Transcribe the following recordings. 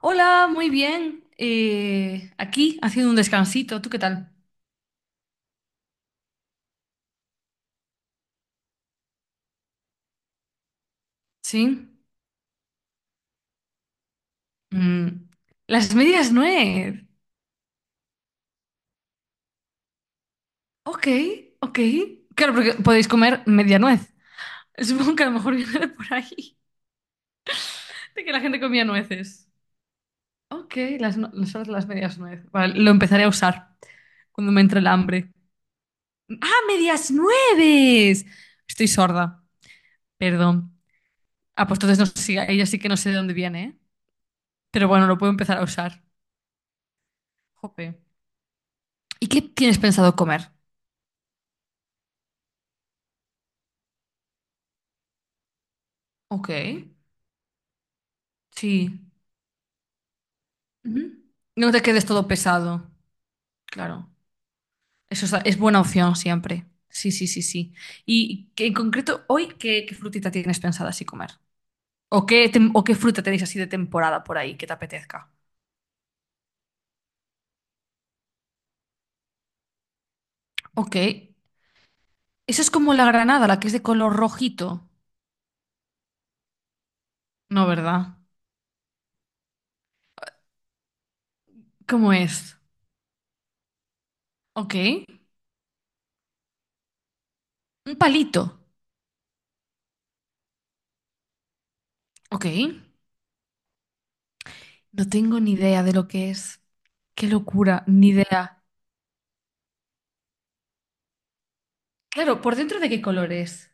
Hola, muy bien. Aquí haciendo un descansito. ¿Tú qué tal? Sí. Mm, Las medias nuez. Ok, ok. Claro, porque podéis comer media nuez. Supongo que a lo mejor viene de por ahí, de que la gente comía nueces. Ok, las, no- las medias nuez. Vale, lo empezaré a usar cuando me entre el hambre. ¡Ah, medias nueves! Estoy sorda, perdón. Ah, pues entonces no, sí, ella sí que no sé de dónde viene, ¿eh? Pero bueno, lo puedo empezar a usar. Jope. ¿Y qué tienes pensado comer? Ok, sí. Ujú. No te quedes todo pesado, claro. Eso es buena opción siempre. Sí, sí, sí, sí. ¿Y en concreto hoy qué frutita tienes pensada así comer? ¿O qué fruta tenéis así de temporada por ahí que te apetezca? Ok. Eso es como la granada, la que es de color rojito. No, ¿verdad? ¿Cómo es? Ok. Un palito. Ok. No tengo ni idea de lo que es. Qué locura, ni idea. Claro, ¿por dentro de qué color es?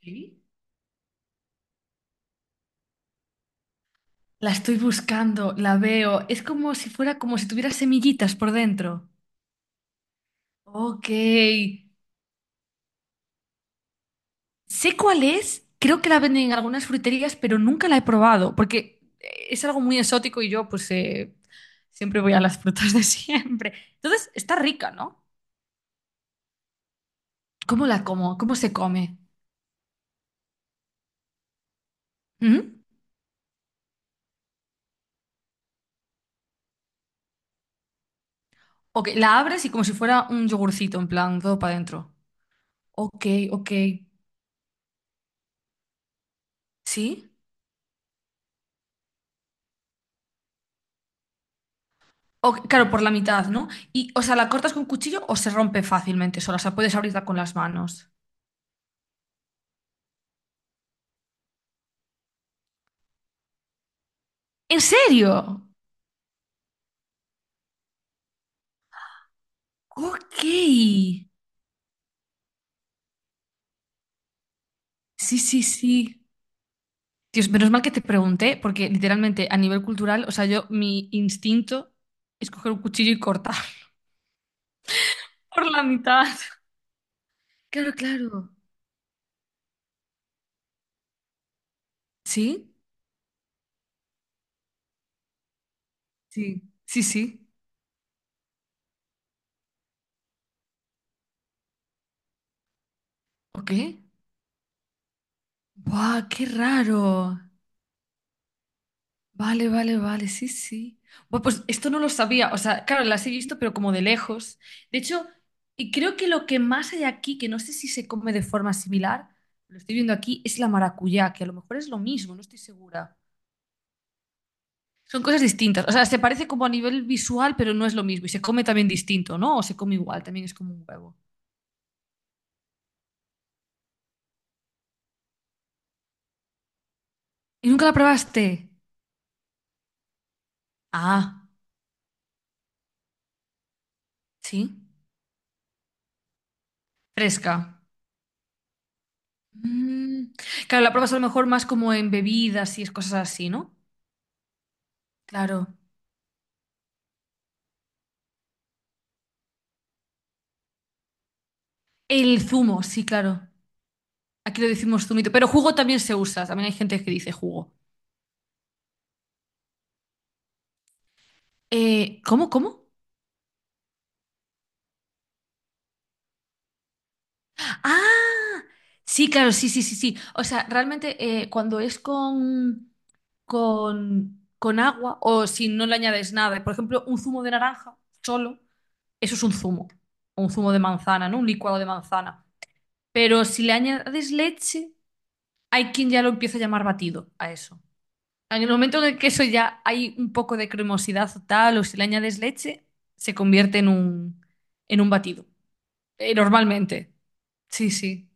Sí. La estoy buscando, la veo. Es como si tuviera semillitas por dentro. Ok. Sé cuál es. Creo que la venden en algunas fruterías, pero nunca la he probado porque es algo muy exótico y yo pues siempre voy a las frutas de siempre. Entonces, está rica, ¿no? ¿Cómo la como? ¿Cómo se come? ¿Mm? Ok, la abres y como si fuera un yogurcito, en plan, todo para adentro. Ok, ok. ¿Sí? Claro, por la mitad, ¿no? Y, o sea, la cortas con cuchillo o se rompe fácilmente sola, o sea, puedes abrirla con las manos. ¿En serio? Ok. Sí, sí, sí. Dios, menos mal que te pregunté, porque literalmente a nivel cultural, o sea, mi instinto es coger un cuchillo y cortar por la mitad. Claro, claro. ¿Sí? Sí, sí, sí. Ok. ¡Buah, qué raro! Vale, vale, vale, sí, sí. Bueno, pues esto no lo sabía, o sea, claro, las he visto, pero como de lejos. De hecho, y creo que lo que más hay aquí, que no sé si se come de forma similar, lo estoy viendo aquí, es la maracuyá, que a lo mejor es lo mismo, no estoy segura. Son cosas distintas, o sea, se parece como a nivel visual, pero no es lo mismo. Y se come también distinto, ¿no? O se come igual, también es como un huevo. ¿Y nunca la probaste? Ah, sí. Fresca. Mm, Claro, la pruebas a lo mejor más como en bebidas y es cosas así, ¿no? Claro. El zumo, sí, claro. Aquí lo decimos zumito, pero jugo también se usa. También hay gente que dice jugo. ¿Cómo? Ah, sí, claro, sí, sí, sí, sí. O sea, realmente cuando es con agua o si no le añades nada, por ejemplo, un zumo de naranja solo, eso es un zumo. O un zumo de manzana, ¿no? Un licuado de manzana. Pero si le añades leche, hay quien ya lo empieza a llamar batido a eso. En el momento en el que eso ya hay un poco de cremosidad o tal, o si le añades leche, se convierte en un batido. Normalmente. Sí, sí.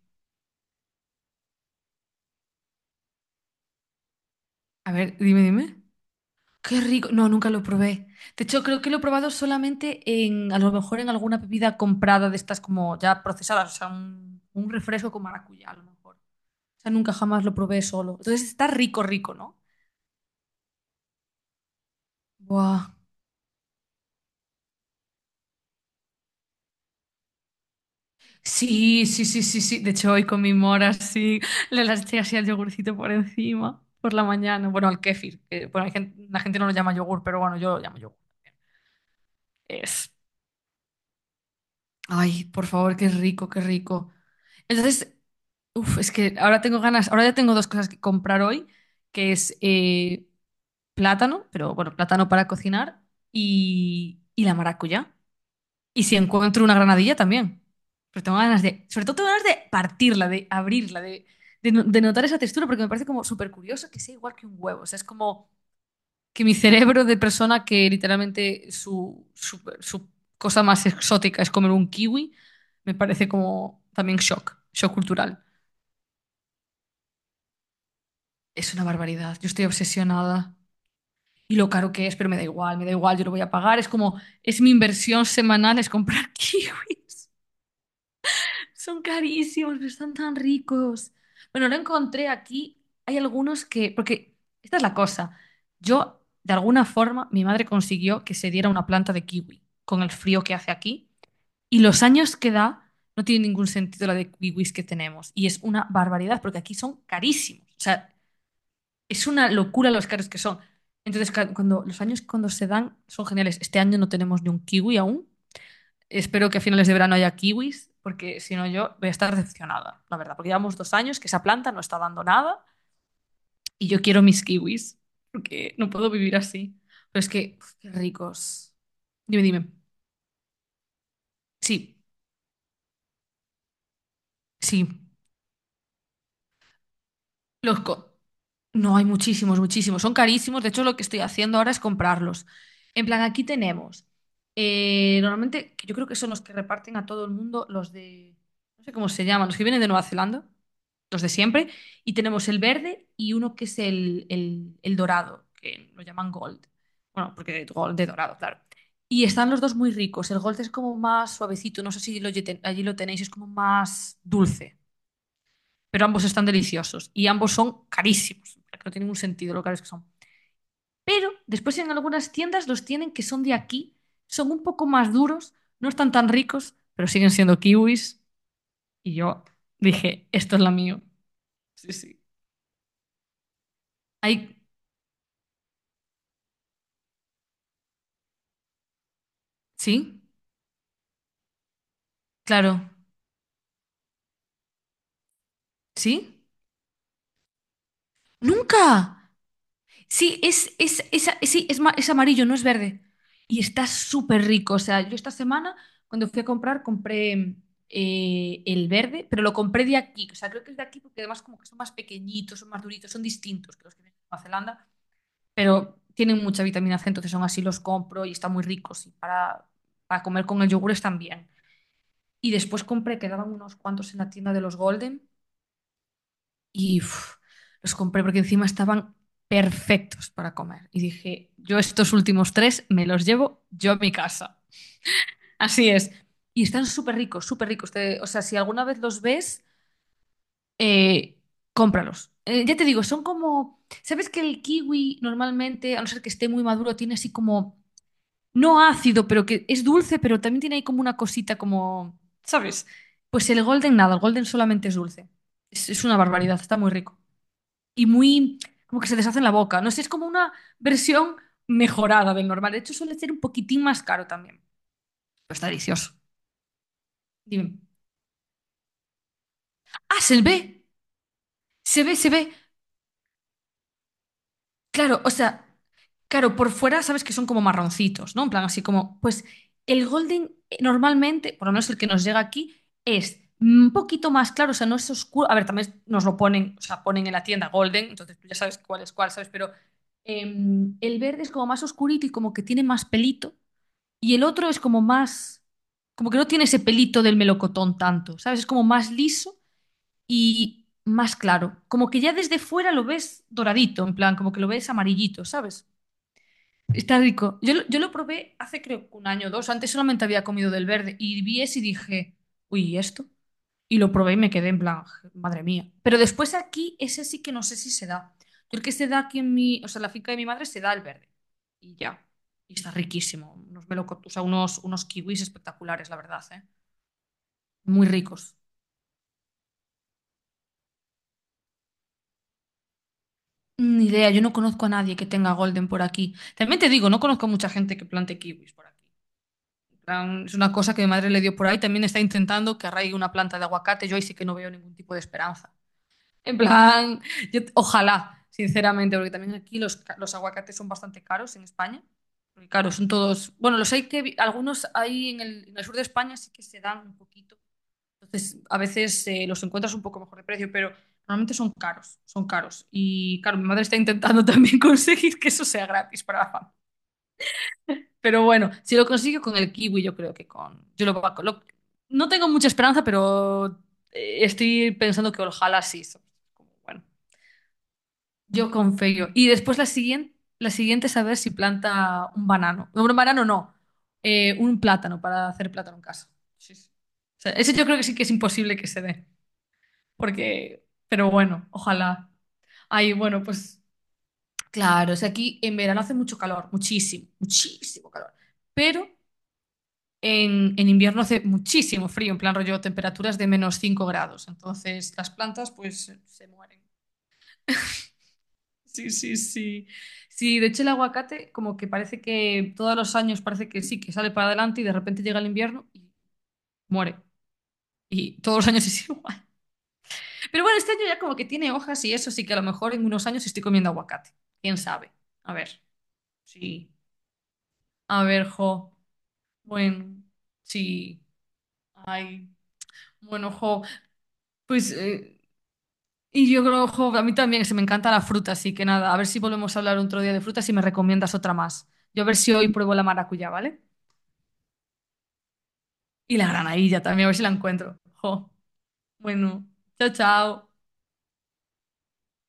A ver, dime, dime. Qué rico. No, nunca lo probé. De hecho, creo que lo he probado solamente a lo mejor en alguna bebida comprada de estas como ya procesadas, o sea, un refresco con maracuyá, a lo mejor. O sea, nunca jamás lo probé solo. Entonces está rico, rico, ¿no? Buah. Sí, sí, sí, sí, sí. De hecho, hoy con mi mora, sí, le las eché así al yogurcito por encima, por la mañana. Bueno, al kéfir, que, bueno, la gente no lo llama yogur, pero bueno, yo lo llamo yogur. Es. Ay, por favor, qué rico, qué rico. Entonces, uf, es que ahora tengo ganas, ahora ya tengo dos cosas que comprar hoy, que es plátano, pero bueno, plátano para cocinar y la maracuyá. Y si encuentro una granadilla también. Pero tengo ganas de, sobre todo tengo ganas de partirla, de abrirla, de no- de notar esa textura, porque me parece como súper curioso que sea igual que un huevo. O sea, es como que mi cerebro de persona que literalmente su cosa más exótica es comer un kiwi, me parece como también shock, shock cultural. Es una barbaridad, yo estoy obsesionada. Y lo caro que es, pero me da igual, yo lo voy a pagar. Es como, es mi inversión semanal, es comprar kiwis. Son carísimos, pero están tan ricos. Bueno, lo encontré aquí. Hay algunos que, porque esta es la cosa. De alguna forma, mi madre consiguió que se diera una planta de kiwi con el frío que hace aquí. Y los años que da, no tiene ningún sentido la de kiwis que tenemos. Y es una barbaridad, porque aquí son carísimos. O sea, es una locura los caros que son. Entonces, cuando los años cuando se dan son geniales. Este año no tenemos ni un kiwi aún. Espero que a finales de verano haya kiwis, porque si no yo voy a estar decepcionada, la verdad, porque llevamos 2 años que esa planta no está dando nada y yo quiero mis kiwis, porque no puedo vivir así. Pero es que, uf, qué ricos. Dime, dime. Sí, sí. Los co- No, hay muchísimos, muchísimos. Son carísimos. De hecho, lo que estoy haciendo ahora es comprarlos. En plan, aquí tenemos, normalmente, que yo creo que son los que reparten a todo el mundo, los de. No sé cómo se llaman, los que vienen de Nueva Zelanda, los de siempre. Y tenemos el verde y uno que es el dorado, que lo llaman gold. Bueno, porque de gold, de dorado, claro. Y están los dos muy ricos. El gold es como más suavecito. No sé si allí lo tenéis, es como más dulce pero ambos están deliciosos y ambos son carísimos, no tiene ningún sentido lo caros que son. Pero después en algunas tiendas los tienen que son de aquí, son un poco más duros, no están tan ricos, pero siguen siendo kiwis. Y yo dije, esto es la mío. Sí, sí. Hay. ¿Sí? Claro. ¿Sí? ¡Nunca! Sí, sí, es amarillo, no es verde. Y está súper rico. O sea, yo esta semana, cuando fui a comprar, compré el verde, pero lo compré de aquí. O sea, creo que es de aquí porque además como que son más pequeñitos, son más duritos, son distintos que los que vienen de Nueva Zelanda, pero tienen mucha vitamina C, entonces son así, los compro y están muy ricos. Y para comer con el yogur están bien. Y después compré, quedaban unos cuantos en la tienda de los Golden y uf, los compré porque encima estaban perfectos para comer. Y dije, yo estos últimos tres me los llevo yo a mi casa. Así es. Y están súper ricos, súper ricos. O sea, si alguna vez los ves, eh, cómpralos. Ya te digo, son como. ¿Sabes que el kiwi normalmente, a no ser que esté muy maduro, tiene así como. No ácido, pero que es dulce, pero también tiene ahí como una cosita como. ¿Sabes? Pues el golden nada, el golden solamente es dulce. Es una barbaridad, está muy rico y muy, como que se deshace en la boca. No sé, es como una versión mejorada del normal. De hecho, suele ser un poquitín más caro también, pero está delicioso. Dime, ah, se ve, se ve, se ve. Claro, o sea, claro, por fuera sabes que son como marroncitos, ¿no? En plan, así como, pues el golden normalmente, por lo menos el que nos llega aquí, es un poquito más claro, o sea, no es oscuro. A ver, también nos lo ponen, o sea, ponen en la tienda golden, entonces tú ya sabes cuál es cuál, ¿sabes? Pero el verde es como más oscurito y como que tiene más pelito. Y el otro es como que no tiene ese pelito del melocotón tanto, ¿sabes? Es como más liso y más claro. Como que ya desde fuera lo ves doradito, en plan, como que lo ves amarillito, ¿sabes? Está rico. Yo lo probé hace creo que un año o dos. Antes solamente había comido del verde y vi ese y dije, uy, ¿y esto? Y lo probé y me quedé en plan, madre mía. Pero después aquí, ese sí que no sé si se da. Yo el que se da aquí en mi, o sea, en la finca de mi madre se da el verde. Y ya. Y está riquísimo. Unos melocot- o sea, unos, unos kiwis espectaculares, la verdad, ¿eh? Muy ricos. Ni idea, yo no conozco a nadie que tenga golden por aquí. También te digo, no conozco a mucha gente que plante kiwis por aquí. En plan, es una cosa que mi madre le dio por ahí. También está intentando que arraigue una planta de aguacate. Yo ahí sí que no veo ningún tipo de esperanza. En plan, ojalá, sinceramente, porque también aquí los aguacates son bastante caros en España. Porque claro, son todos, bueno, los hay que, algunos hay en el sur de España sí que se dan un poquito. Entonces, a veces los encuentras un poco mejor de precio, pero normalmente son caros, son caros. Y claro, mi madre está intentando también conseguir que eso sea gratis para la familia. Pero bueno, si lo consigo con el kiwi, yo creo que con, yo lo, va- lo- no tengo mucha esperanza, pero estoy pensando que ojalá sí. Como, bueno. Yo con Feyo. Y después la siguiente, es a ver si planta un banano. No, un banano no. Un plátano para hacer plátano en casa. Sí, sí. O sea, eso yo creo que sí que es imposible que se dé. Porque, pero bueno, ojalá. Ay, bueno, pues claro, o sea, aquí en verano hace mucho calor, muchísimo, muchísimo calor. Pero en invierno hace muchísimo frío, en plan rollo temperaturas de -5 grados. Entonces las plantas pues se mueren. Sí, sí, sí. Sí, de hecho el aguacate como que parece que todos los años parece que sí, que sale para adelante y de repente llega el invierno y muere. Y todos los años es igual. Pero bueno, este año ya como que tiene hojas y eso, sí que a lo mejor en unos años estoy comiendo aguacate. ¿Quién sabe? A ver, sí. A ver, jo. Bueno, sí. Ay. Bueno, jo. Pues, y yo creo, jo, a mí también se me encanta la fruta, así que nada, a ver si volvemos a hablar otro día de frutas y me recomiendas otra más. Yo a ver si hoy pruebo la maracuyá, ¿vale? Y la granadilla también, a ver si la encuentro. Jo, bueno, chao, chao.